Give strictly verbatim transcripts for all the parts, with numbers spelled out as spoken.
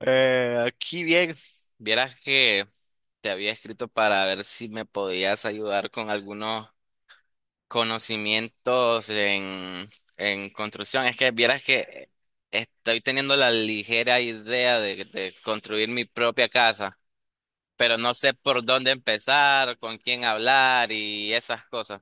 Eh, aquí bien, vieras que te había escrito para ver si me podías ayudar con algunos conocimientos en, en construcción. Es que vieras que estoy teniendo la ligera idea de, de construir mi propia casa, pero no sé por dónde empezar, con quién hablar y esas cosas.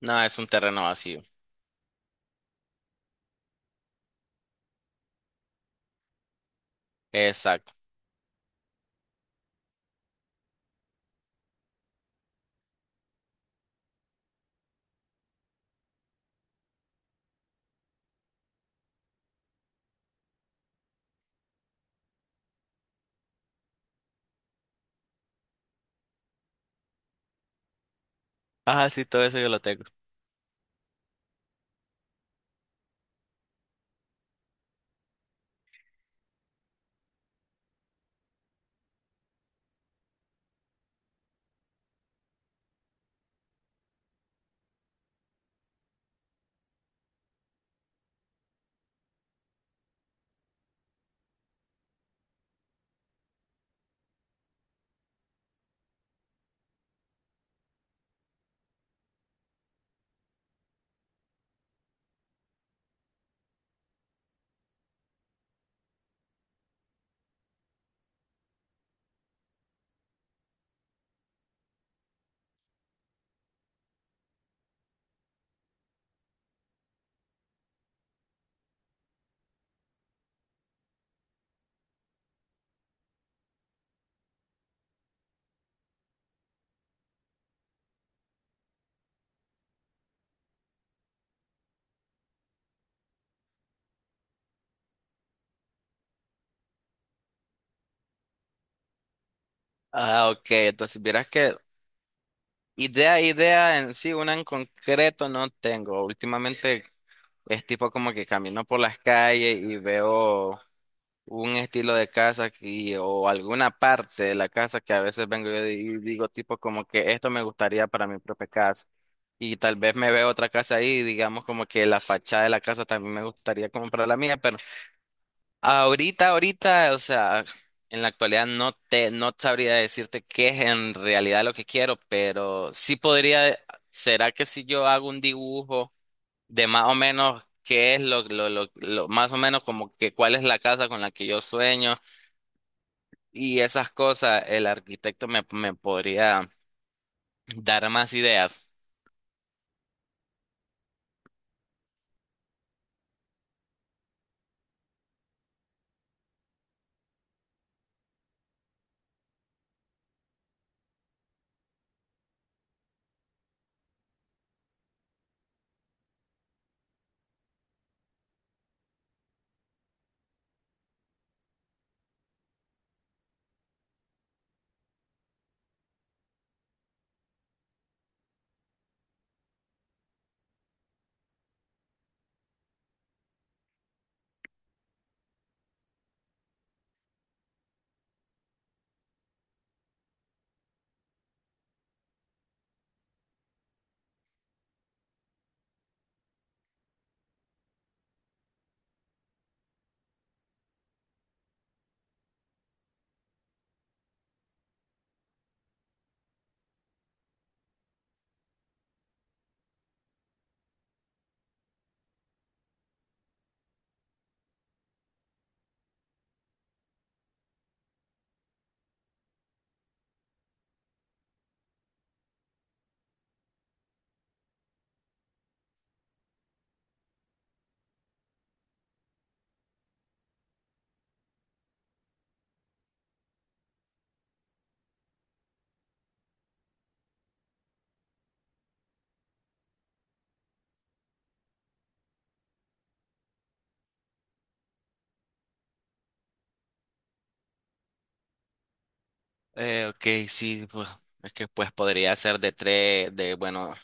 No, es un terreno vacío. Exacto. Ah, sí, todo eso yo lo tengo. Ah, ok. Entonces, vieras que Idea, idea en sí, una en concreto no tengo. Últimamente es tipo como que camino por las calles y veo un estilo de casa aquí o alguna parte de la casa que a veces vengo yo y digo tipo como que esto me gustaría para mi propia casa. Y tal vez me veo otra casa ahí, digamos como que la fachada de la casa también me gustaría como para la mía, pero Ahorita, ahorita, o sea, en la actualidad no te, no sabría decirte qué es en realidad lo que quiero, pero sí podría, ¿será que si yo hago un dibujo de más o menos qué es lo, lo, lo, lo- más o menos como que cuál es la casa con la que yo sueño y esas cosas, el arquitecto me, me podría dar más ideas? Eh, ok, sí, pues, es que pues podría ser de tres, de bueno.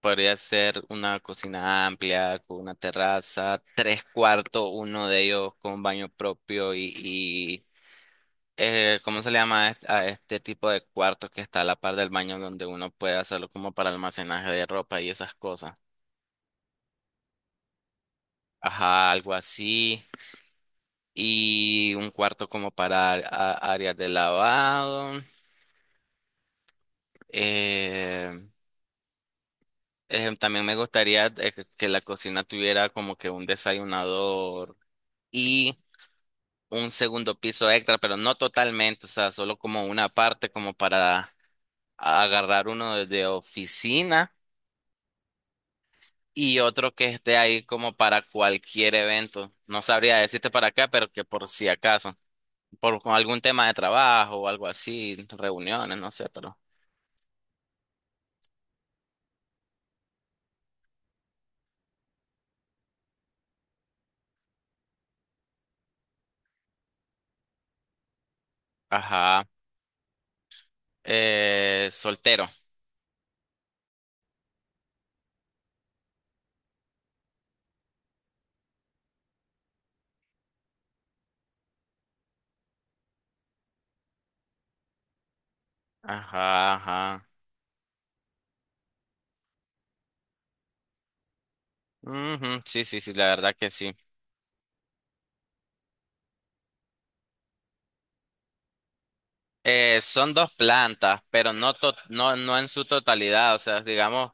Podría ser una cocina amplia con una terraza, tres cuartos, uno de ellos con baño propio y, y eh, ¿cómo se le llama a est- a este tipo de cuartos que está a la par del baño donde uno puede hacerlo como para almacenaje de ropa y esas cosas? Ajá, algo así. Y un cuarto como para a- áreas de lavado. Eh, eh, También me gustaría eh, que que la cocina tuviera como que un desayunador. Y un segundo piso extra, pero no totalmente, o sea, solo como una parte como para agarrar uno de de oficina y otro que esté ahí como para cualquier evento. No sabría decirte para acá, pero que por si acaso, por con algún tema de trabajo o algo así, reuniones, no sé, pero. Ajá. Eh, soltero. Ajá, ajá. Ujú, sí, sí, sí, la verdad que sí. Eh, son dos plantas, pero no, to- no, no en su totalidad, o sea, digamos.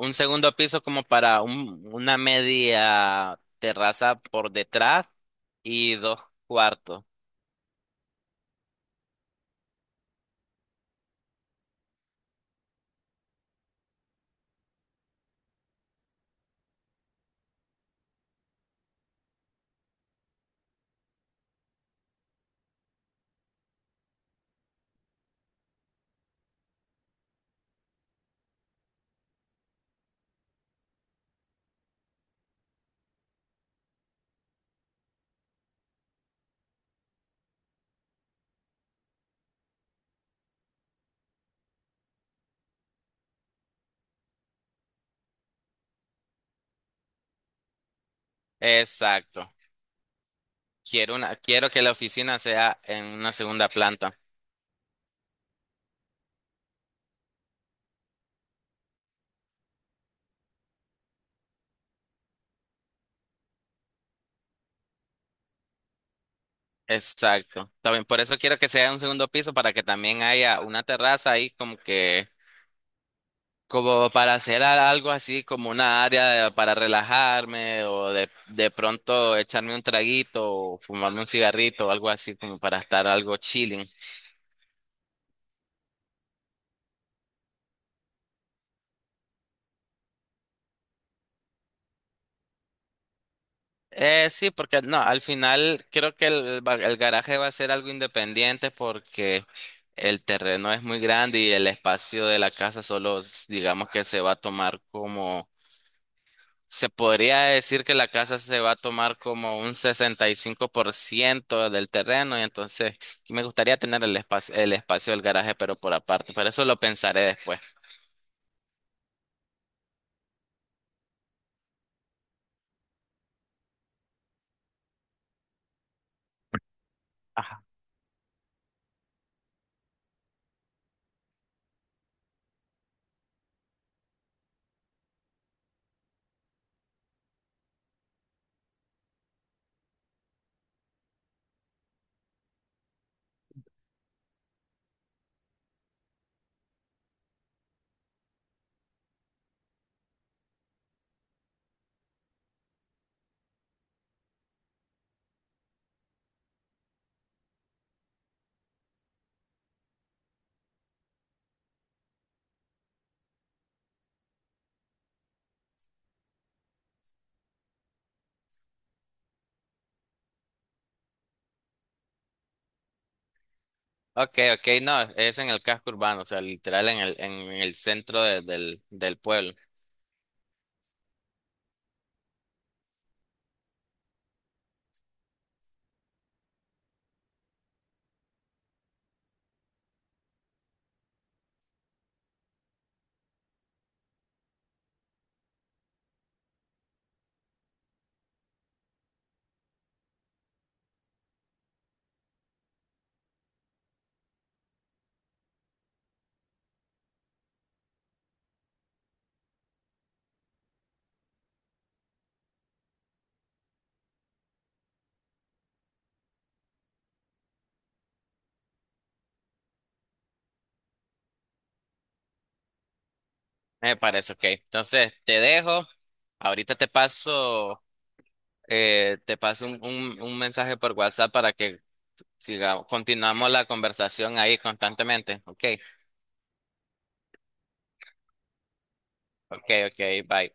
Un segundo piso como para un- una media terraza por detrás y dos cuartos. Exacto. Quiero una, quiero que la oficina sea en una segunda planta. Exacto. También por eso quiero que sea un segundo piso para que también haya una terraza ahí como que, como para hacer a- algo así como una área de- para relajarme o de, de pronto echarme un traguito o fumarme un cigarrito o algo así como para estar algo chilling. Eh, sí, porque no, al final creo que el, ba- el garaje va a ser algo independiente porque el terreno es muy grande y el espacio de la casa solo, s- digamos que se va a tomar como, se podría decir que la casa se va a tomar como un sesenta y cinco por ciento del terreno y entonces sí me gustaría tener el espacio, el espacio del garaje, pero por aparte, pero eso lo pensaré después. Ok, ok, no, es en el casco urbano, o sea, literal en el, en el centro de- del, del pueblo. Me parece, ok. Entonces, te dejo. Ahorita te paso, eh, te paso un, un, un mensaje por WhatsApp para que sigamos, continuamos la conversación ahí constantemente. Ok, ok, ok, bye.